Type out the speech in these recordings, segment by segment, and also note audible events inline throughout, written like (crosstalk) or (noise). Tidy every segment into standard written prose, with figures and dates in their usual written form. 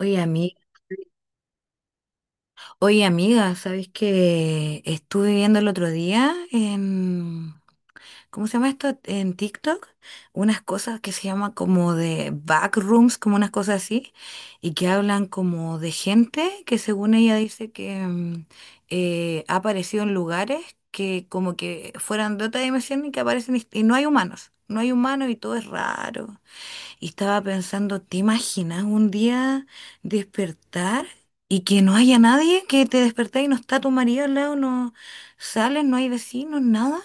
Oye, ami- Oye, amiga, ¿sabes que estuve viendo el otro día en, ¿cómo se llama esto? En TikTok, unas cosas que se llama como de backrooms, como unas cosas así, y que hablan como de gente que según ella dice que ha aparecido en lugares que como que fueran de otra dimensión y que aparecen y no hay humanos, no hay humanos y todo es raro. Y estaba pensando, ¿te imaginas un día despertar y que no haya nadie? Que te despertás y no está tu marido al lado, no sales, no hay vecinos, nada.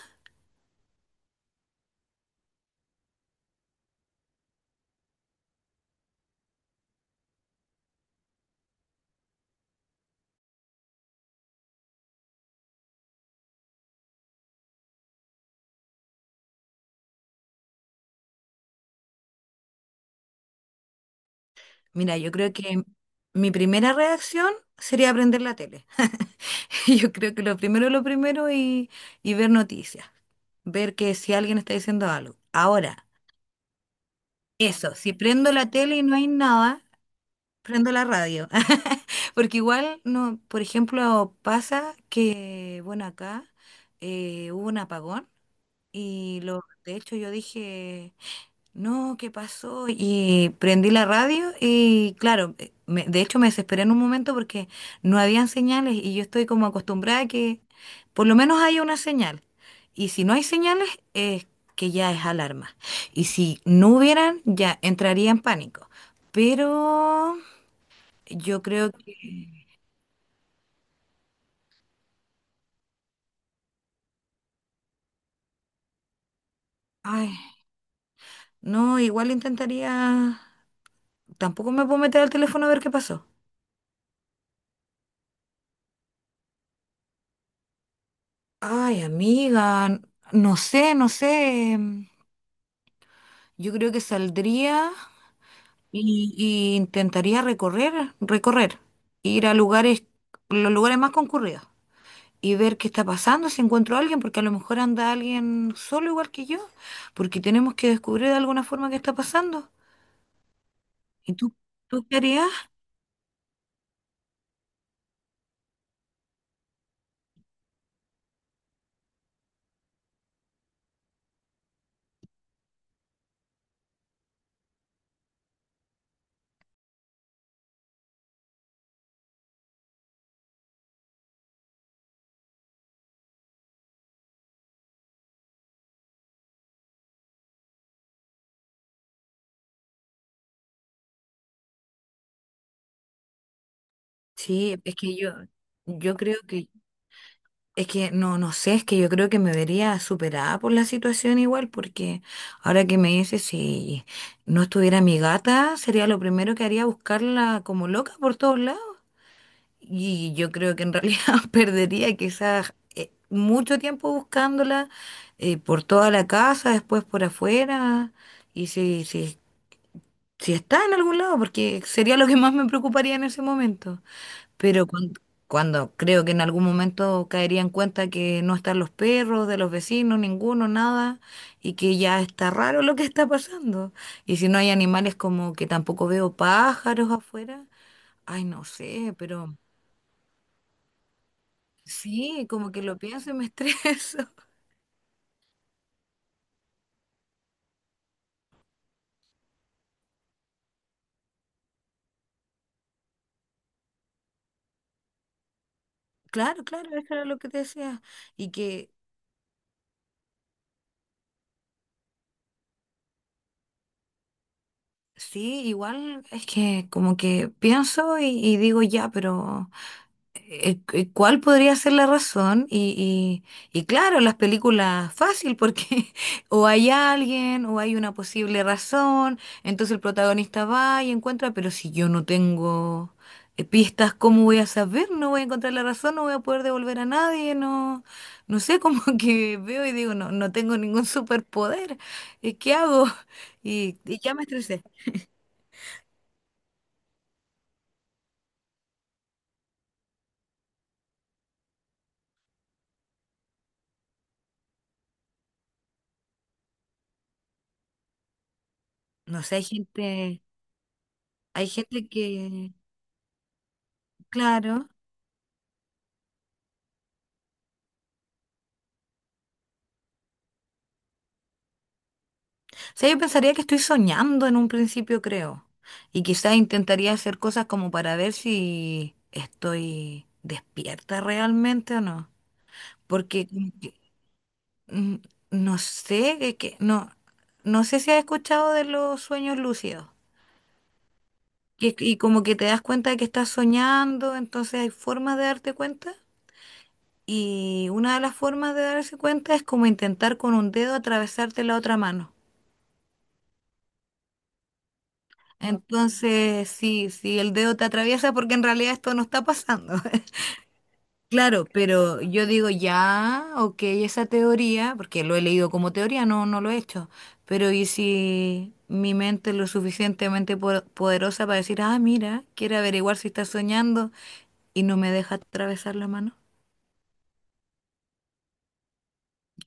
Mira, yo creo que mi primera reacción sería prender la tele. (laughs) Yo creo que lo primero y ver noticias, ver que si alguien está diciendo algo. Ahora, eso, si prendo la tele y no hay nada, prendo la radio. Porque igual, no, por ejemplo, pasa que, bueno, acá hubo un apagón y lo, de hecho yo dije, no, ¿qué pasó? Y prendí la radio y claro, de hecho me desesperé en un momento porque no habían señales y yo estoy como acostumbrada a que por lo menos haya una señal. Y si no hay señales, es que ya es alarma. Y si no hubieran, ya entraría en pánico. Pero yo creo que... ay, no, igual intentaría. Tampoco me puedo meter al teléfono a ver qué pasó. Ay, amiga, no sé, no sé. Yo creo que saldría y intentaría recorrer, ir a lugares, los lugares más concurridos y ver qué está pasando, si encuentro a alguien, porque a lo mejor anda alguien solo igual que yo, porque tenemos que descubrir de alguna forma qué está pasando. ¿Y tú qué harías? Sí, es que yo creo que es que no, no sé, es que yo creo que me vería superada por la situación igual, porque ahora que me dices, si no estuviera mi gata, sería lo primero que haría buscarla como loca por todos lados. Y yo creo que en realidad (laughs) perdería quizás mucho tiempo buscándola por toda la casa, después por afuera, y si, si, si está en algún lado, porque sería lo que más me preocuparía en ese momento. Pero cuan- Cuando, creo que en algún momento caería en cuenta que no están los perros de los vecinos, ninguno, nada, y que ya está raro lo que está pasando. Y si no hay animales como que tampoco veo pájaros afuera, ay, no sé, pero sí, como que lo pienso y me (laughs) estreso. Claro, claro, eso era lo que te decía. Y que sí, igual es que como que pienso y digo ya, pero... ¿Cuál podría ser la razón? Y claro, las películas fácil porque (laughs) o hay alguien o hay una posible razón, entonces el protagonista va y encuentra, pero si yo no tengo pistas, ¿cómo voy a saber? No voy a encontrar la razón, no voy a poder devolver a nadie, no, no sé, (laughs) como que veo y digo, no, no tengo ningún superpoder, ¿qué hago? (laughs) Y, y ya me estresé. No sé, hay gente que, claro. O sea, yo pensaría que estoy soñando en un principio, creo. Y quizás intentaría hacer cosas como para ver si estoy despierta realmente o no. Porque como que, mm, no sé, no, no sé si has escuchado de los sueños lúcidos. Que, y como que te das cuenta de que estás soñando, entonces hay formas de darte cuenta. Y una de las formas de darse cuenta es como intentar con un dedo atravesarte la otra mano. Entonces, sí, sí, el dedo te atraviesa porque en realidad esto no está pasando. (laughs) Claro, pero yo digo ya, ok, esa teoría, porque lo he leído como teoría, no, no lo he hecho, pero ¿y si mi mente es lo suficientemente poderosa para decir, ah, mira, quiere averiguar si está soñando y no me deja atravesar la mano?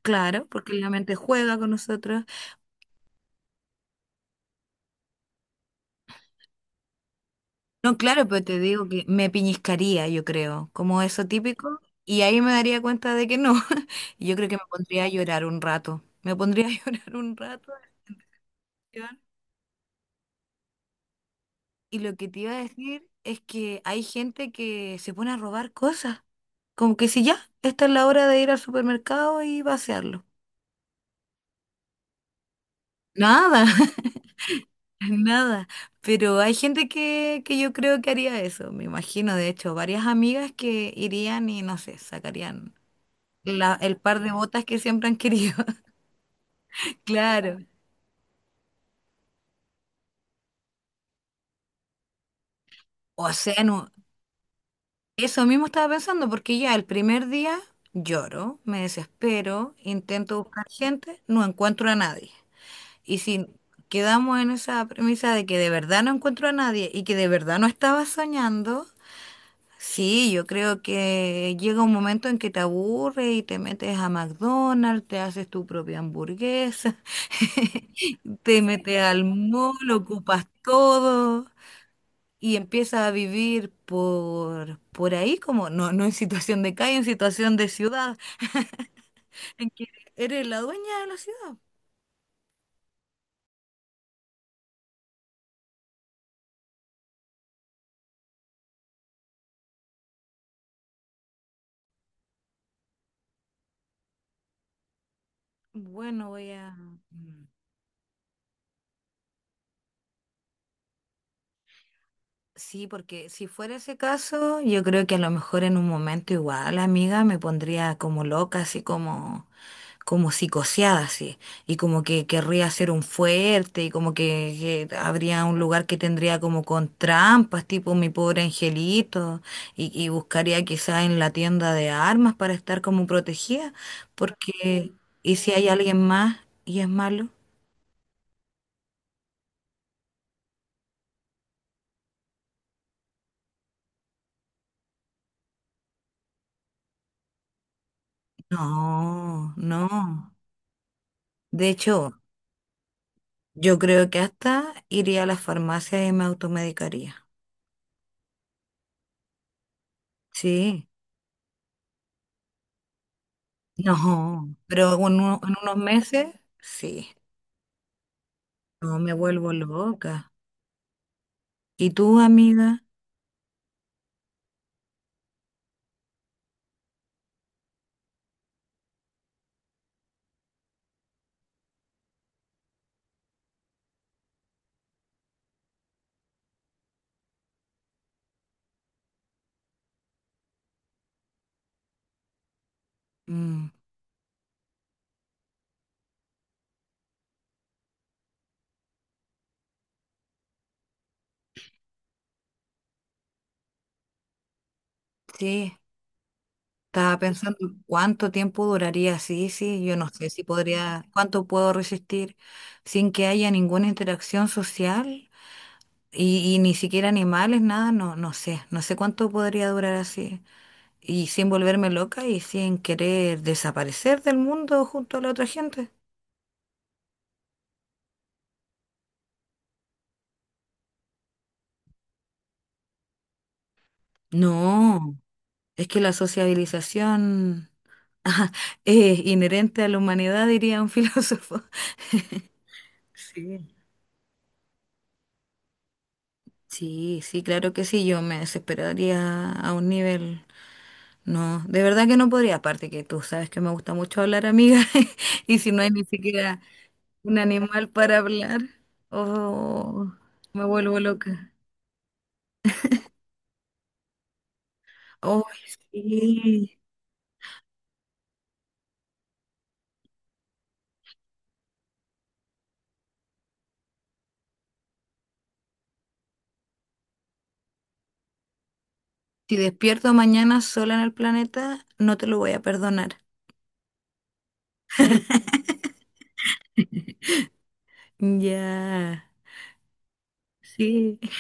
Claro, porque la mente juega con nosotros. No, claro, pero te digo que me piñiscaría, yo creo, como eso típico, y ahí me daría cuenta de que no. (laughs) Y yo creo que me pondría a llorar un rato. Me pondría a (laughs) llorar un rato. Esteban. Y lo que te iba a decir es que hay gente que se pone a robar cosas. Como que si ya, esta es la hora de ir al supermercado y vaciarlo. Nada, (laughs) nada. Pero hay gente que yo creo que haría eso. Me imagino, de hecho, varias amigas que irían y no sé, sacarían el par de botas que siempre han querido. (laughs) Claro. O sea, no, eso mismo estaba pensando, porque ya el primer día lloro, me desespero, intento buscar gente, no encuentro a nadie. Y si quedamos en esa premisa de que de verdad no encuentro a nadie y que de verdad no estaba soñando, sí, yo creo que llega un momento en que te aburre y te metes a McDonald's, te haces tu propia hamburguesa, (laughs) te metes al mall, ocupas todo. Y empiezas a vivir por ahí, como no, no en situación de calle, en situación de ciudad, en que eres la dueña de la ciudad. Bueno, voy a... mm, sí, porque si fuera ese caso, yo creo que a lo mejor en un momento igual, amiga, me pondría como loca, así como... como psicoseada, sí, y como que querría hacer un fuerte, y como que habría un lugar que tendría como con trampas, tipo mi pobre angelito, y buscaría quizá en la tienda de armas para estar como protegida, porque, ¿y si hay alguien más y es malo? No, no. De hecho, yo creo que hasta iría a la farmacia y me automedicaría. Sí, no, pero en en unos meses, sí. No me vuelvo loca. ¿Y tú, amiga? Mm, sí, estaba pensando cuánto tiempo duraría así, sí, yo no sé si podría, cuánto puedo resistir sin que haya ninguna interacción social y ni siquiera animales, nada, no, no sé, no sé cuánto podría durar así y sin volverme loca y sin querer desaparecer del mundo junto a la otra gente. No, es que la sociabilización (laughs) es inherente a la humanidad, diría un (laughs) filósofo. Sí, sí, sí, claro que sí, yo me desesperaría a un nivel. No, de verdad que no podría, aparte que tú sabes que me gusta mucho hablar, amiga, (laughs) y si no hay ni siquiera un animal para hablar, oh, me vuelvo loca. Oh, sí. Si despierto mañana sola en el planeta, no te lo voy a perdonar. (laughs) Ya, sí.